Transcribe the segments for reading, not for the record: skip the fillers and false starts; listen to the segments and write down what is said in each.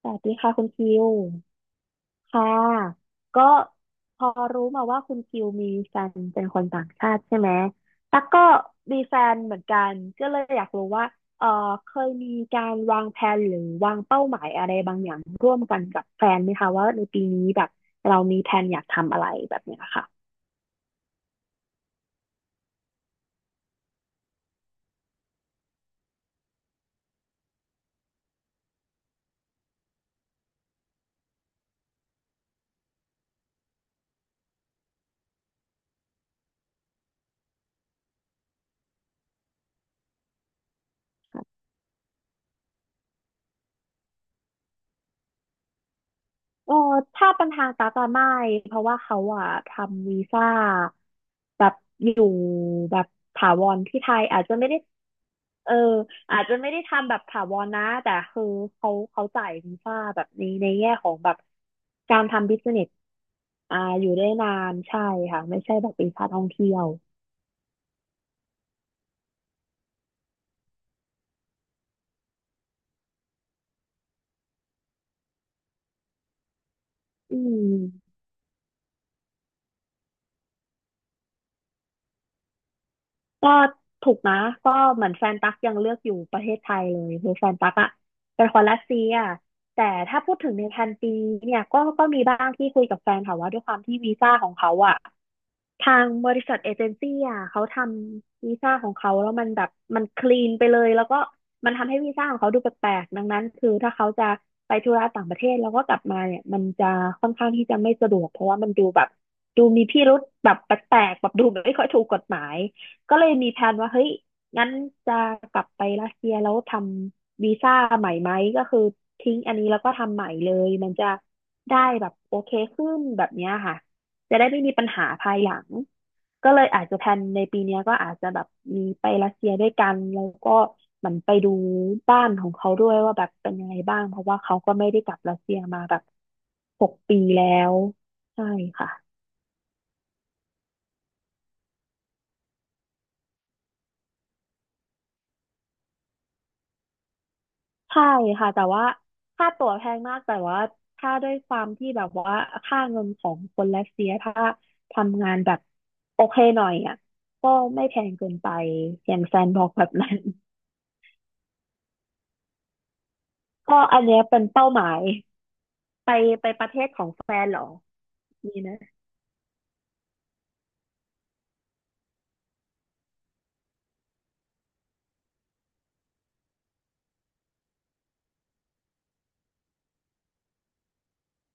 สวัสดีค่ะคุณคิวค่ะก็พอรู้มาว่าคุณคิวมีแฟนเป็นคนต่างชาติใช่ไหมตั๊กก็มีแฟนเหมือนกันก็เลยอยากรู้ว่าเออเคยมีการวางแผนหรือวางเป้าหมายอะไรบางอย่างร่วมกันกับแฟนไหมคะว่าในปีนี้แบบเรามีแผนอยากทำอะไรแบบเนี้ยค่ะเออถ้าเป็นทางตา๊กะไม่เพราะว่าเขาอะทำวีซ่าแบบอยู่แบบถาวรที่ไทยอาจจะไม่ได้ เอออาจจะไม่ได้ทำแบบถาวรนะแต่คือเขาจ่ายวีซ่าแบบนี้ในแง่ของแบบการทำบิสเนสอ่าอยู่ได้นานใช่ค่ะไม่ใช่แบบวีซ่าท่องเที่ยวอืมก็ถูกนะก็เหมือนแฟนตั๊กยังเลือกอยู่ประเทศไทยเลยคือแฟนตั๊กอะเป็นคนรัสเซียแต่ถ้าพูดถึงในพันปีเนี่ยก็มีบ้างที่คุยกับแฟนค่ะว่าด้วยความที่วีซ่าของเขาอะ ทางบริษัทเอเจนซี่อ่ะเขาทำวีซ่าของเขาแล้วมันแบบมันคลีนไปเลยแล้วก็มันทำให้วีซ่าของเขาดูแปลกๆดังนั้นคือถ้าเขาจะไปธุระต่างประเทศแล้วก็กลับมาเนี่ยมันจะค่อนข้างที่จะไม่สะดวกเพราะว่ามันดูแบบดูมีพิรุธแบบแปลกๆแบบดูไม่ค่อยถูกกฎหมายก็เลยมีแผนว่าเฮ้ยงั้นจะกลับไปรัสเซียแล้วทำวีซ่าใหม่ไหมก็คือทิ้งอันนี้แล้วก็ทำใหม่เลยมันจะได้แบบโอเคขึ้นแบบเนี้ยค่ะ จะได้ไม่มีปัญหาภายหลัง ก็เลยอาจจะแพลนในปีเนี้ยก็อาจจะแบบมีไปรัสเซียด้วยกันแล้วก็เหมือนไปดูบ้านของเขาด้วยว่าแบบเป็นยังไงบ้างเพราะว่าเขาก็ไม่ได้กลับรัสเซียมาแบบ6 ปีแล้วใช่ค่ะใช่ค่ะแต่ว่าค่าตั๋วแพงมากแต่ว่าถ้าด้วยความที่แบบว่าค่าเงินของคนรัสเซียถ้าทำงานแบบโอเคหน่อยอ่ะก็ไม่แพงเกินไปอย่างแซนบอกแบบนั้นก็อันเนี้ยเป็นเป้าหมาย ไปไปประเทศของแฟนเหรอ มีนะ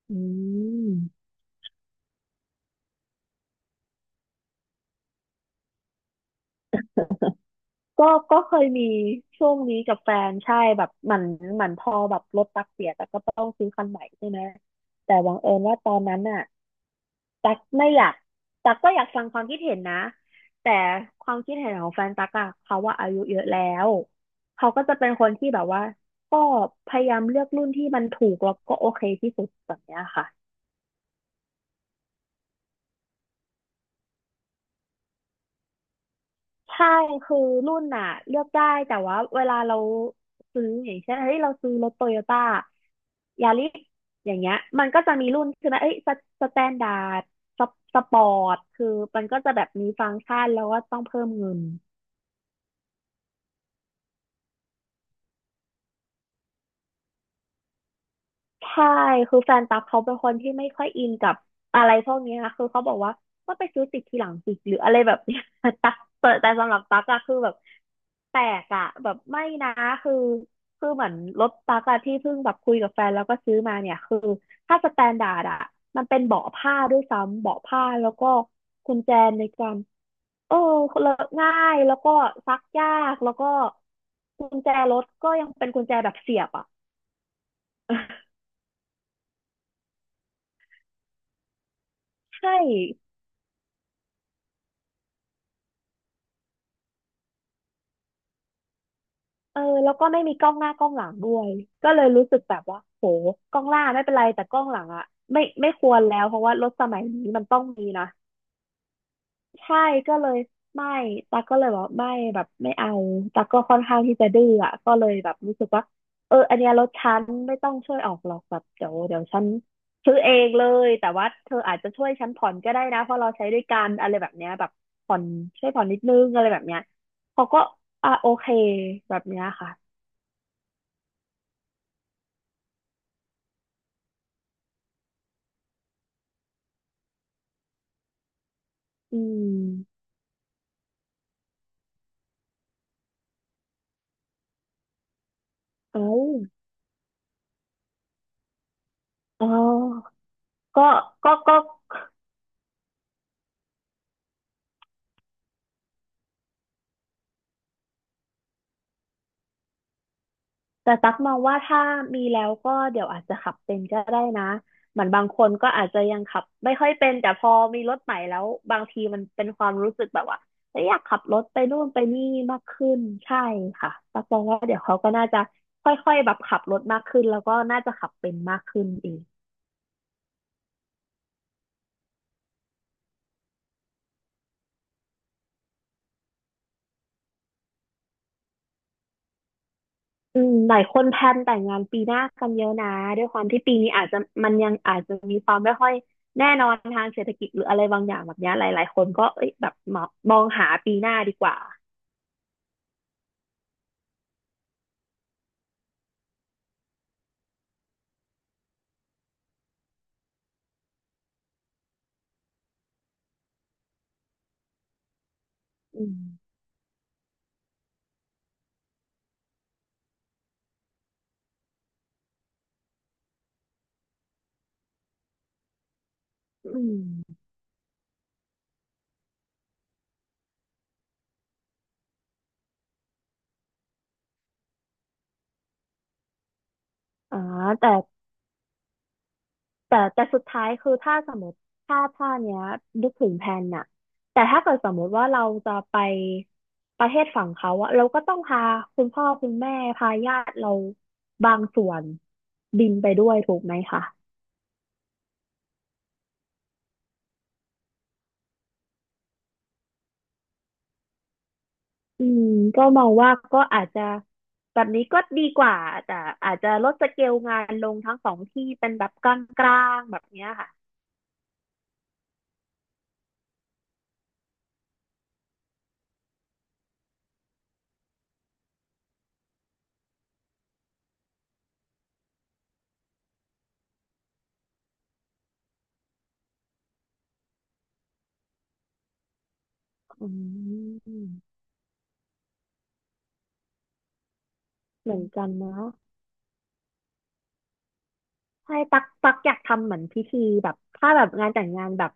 อืมก็ก็เคยมีช่วงนี้กับแฟนใช่แบบเหมือนพอแบบรถตักเสียแต่ก็ต้องซื้อคันใหม่ใช่ไหมแต่บังเอิญว่าตอนนั้นน่ะตักไม่อยากตักก็อยากฟังความคิดเห็นนะแต่ความคิดเห็นของแฟนตักอะเขาว่าอายุเยอะแล้วเขาก็จะเป็นคนที่แบบว่าก็พยายามเลือกรุ่นที่มันถูกแล้วก็โอเคที่สุดแบบเนี้ยค่ะ ใช่คือรุ่นน่ะเลือกได้แต่ว่าเวลาเราซื้ออย่างเช่นเฮ้ยเราซื้อรถโตโยต้ายาริสอย่างเงี้ยมันก็จะมีรุ่นใช่ไหมเอ้ยสสแตนดาร์ดสปอร์ตคือมันก็จะแบบมีฟังก์ชันแล้วก็ต้องเพิ่มเงิน ใช่คือแฟนตั๊กเขาเป็นคนที่ไม่ค่อยอินกับอะไรพวกเนี้ยคือเขาบอกว่าก็ไปซื้อติดทีหลังสิหรืออะไรแบบเนี้ย ตั๊กแต่แต่สำหรับตั๊กอะคือแบบแปลกอะแบบไม่นะคือคือเหมือนรถตั๊กอะที่เพิ่งแบบคุยกับแฟนแล้วก็ซื้อมาเนี่ยคือถ้าสแตนดาร์ดอะมันเป็นเบาะผ้าด้วยซ้ำเบาะผ้าแล้วก็กุญแจในการเออเลอะง่ายแล้วก็ซักยากแล้วก็กุญแจรถก็ยังเป็นกุญแจแบบเสียบอ่ะ ใช่ เออแล้วก็ไม่มีกล้องหน้ากล้องหลังด้วยก็เลยรู้สึกแบบว่าโหกล้องหน้าไม่เป็นไรแต่กล้องหลังอะไม่ควรแล้วเพราะว่ารถสมัยนี้มันต้องมีนะใช่ก็เลยไม่ตาก็เลยบอกไม่แบบไม่เอาตาก็ค่อนข้างที่จะดื้ออะก็เลยแบบรู้สึกว่าเอออันเนี้ยรถฉันไม่ต้องช่วยออกหรอกแบบเดี๋ยวฉันซื้อเองเลยแต่ว่าเธออาจจะช่วยฉันผ่อนก็ได้นะเพราะเราใช้ด้วยกันอะไรแบบเนี้ยแบบผ่อนช่วยผ่อนนิดนึงอะไรแบบเนี้ยเขาก็อ่ะโอเคแบบเนี้ยค่ะ อืมเอาอ๋อก็ก็แต่ตักมองว่าถ้ามีแล้วก็เดี๋ยวอาจจะขับเป็นก็ได้นะเหมือนบางคนก็อาจจะยังขับไม่ค่อยเป็นแต่พอมีรถใหม่แล้วบางทีมันเป็นความรู้สึกแบบว่าเอ้ยอยากขับรถไปนู่นไปนี่มากขึ้นใช่ค่ะตักมองว่าเดี๋ยวเขาก็น่าจะค่อยๆแบบขับรถมากขึ้นแล้วก็น่าจะขับเป็นมากขึ้นเอง อืมหลายคนแพลนแต่งงานปีหน้ากันเยอะนะด้วยความที่ปีนี้อาจจะมันยังอาจจะมีความไม่ค่อยแน่นอนทางเศรษฐกิจหรืออะไรบางอย่างแบบเนี้ยหลายๆคนก็เอ้ยแบบมองหาปีหน้าดีกว่าอืมอืมอ่าแต่แต่สุดท้ายคือถ้าสมมติถ้าเนี้ยนึกถึงแผนน่ะแต่ถ้าเกิดสมมติว่าเราจะไปประเทศฝั่งเขาอะเราก็ต้องพาคุณพ่อคุณแม่พาญาติเราบางส่วนบินไปด้วยถูกไหมคะ อืมก็มองว่าก็อาจจะแบบนี้ก็ดีกว่าแต่อาจจะลดสเกลงานลงทั้งสองที่เป็นแบบกลางๆแบบเนี้ยค่ะอืมเหมือนกันเนาะ ใช่ตักอยากทำเหมือนพิธีแบบถ้าแบบงานแต่งงานแบบ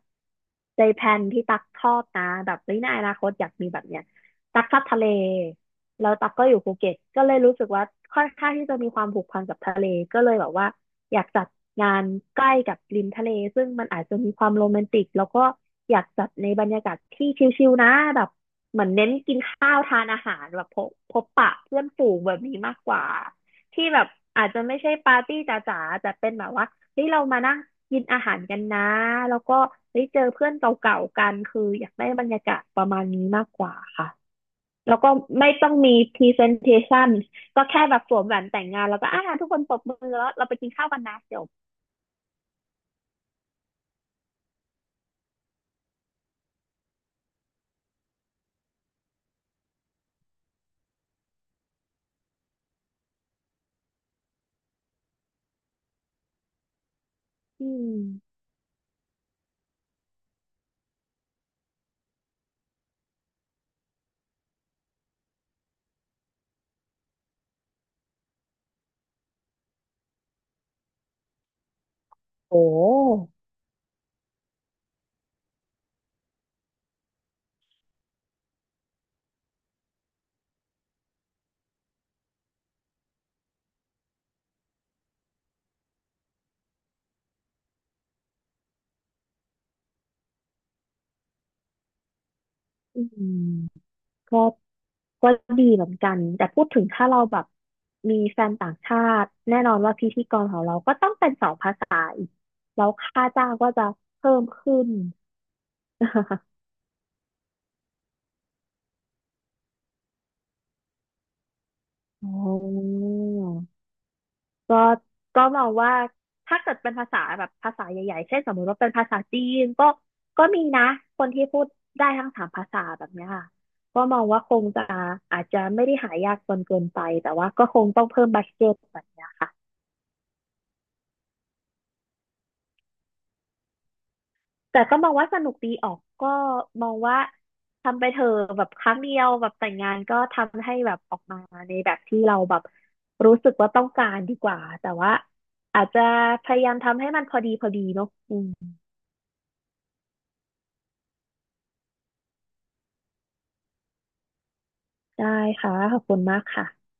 ใจแพลนที่ตักชอบนะแบบเฮ้ยในอนาคตอยากมีแบบเนี้ยตักชอบทะเลแล้วตักก็อยู่ภูเก็ตก็เลยรู้สึกว่าค่อนข้างที่จะมีความผูกพันกับทะเลก็เลยแบบว่าอยากจัดงานใกล้กับริมทะเลซึ่งมันอาจจะมีความโรแมนติกแล้วก็อยากจัดในบรรยากาศที่ชิลๆนะแบบเหมือนเน้นกินข้าวทานอาหารแบบพบปะเพื่อนฝูงแบบนี้มากกว่า ที่แบบอาจจะไม่ใช่ปาร์ตี้จ๋าๆแต่เป็นแบบว่าเฮ้ยเรามานั่งกินอาหารกันนะ แล้วก็เฮ้ยเจอเพื่อนเก่าๆกันคืออยากได้บรรยากาศประมาณนี้มากกว่าค่ะแล้วก็ไม่ต้องมี presentation ก็แค่แบบสวมแหวนแต่งงานแล้วก็อ่าทุกคนปรบมือแล้วเราไปกินข้าวกันนะจบอืมโอ้อืม ก็ก็ดีเหมือนกัน แต่พูดถึงถ้าเราแบบมีแฟนต่างชาติแน่นอนว่าพิธีกรของเราก็ต้องเป็นสองภาษาอีกแล้วค่าจ้างก็จะเพิ่มขึ้น อ๋อก็ก็มองว่าถ้าเกิดเป็นภาษาแบบภาษาใหญ่ๆเช่นสมมติว่าเป็นภาษาจีนก็มีนะคนที่พูดได้ทั้งสามภาษาแบบเนี้ยค่ะก็มองว่าคงจะอาจจะไม่ได้หายากจนเกินไปแต่ว่าก็คงต้องเพิ่มบัดเจ็ตแบบเนี้ยค่ะ แต่ก็มองว่าสนุกดีออกก็มองว่าทำไปเถอะแบบครั้งเดียวแบบแต่งงานก็ทำให้แบบออกมาในแบบที่เราแบบรู้สึกว่าต้องการดีกว่าแต่ว่าอาจจะพยายามทำให้มันพอดีเนาะอืมได้ค่ะขอบคุณมากค่ะ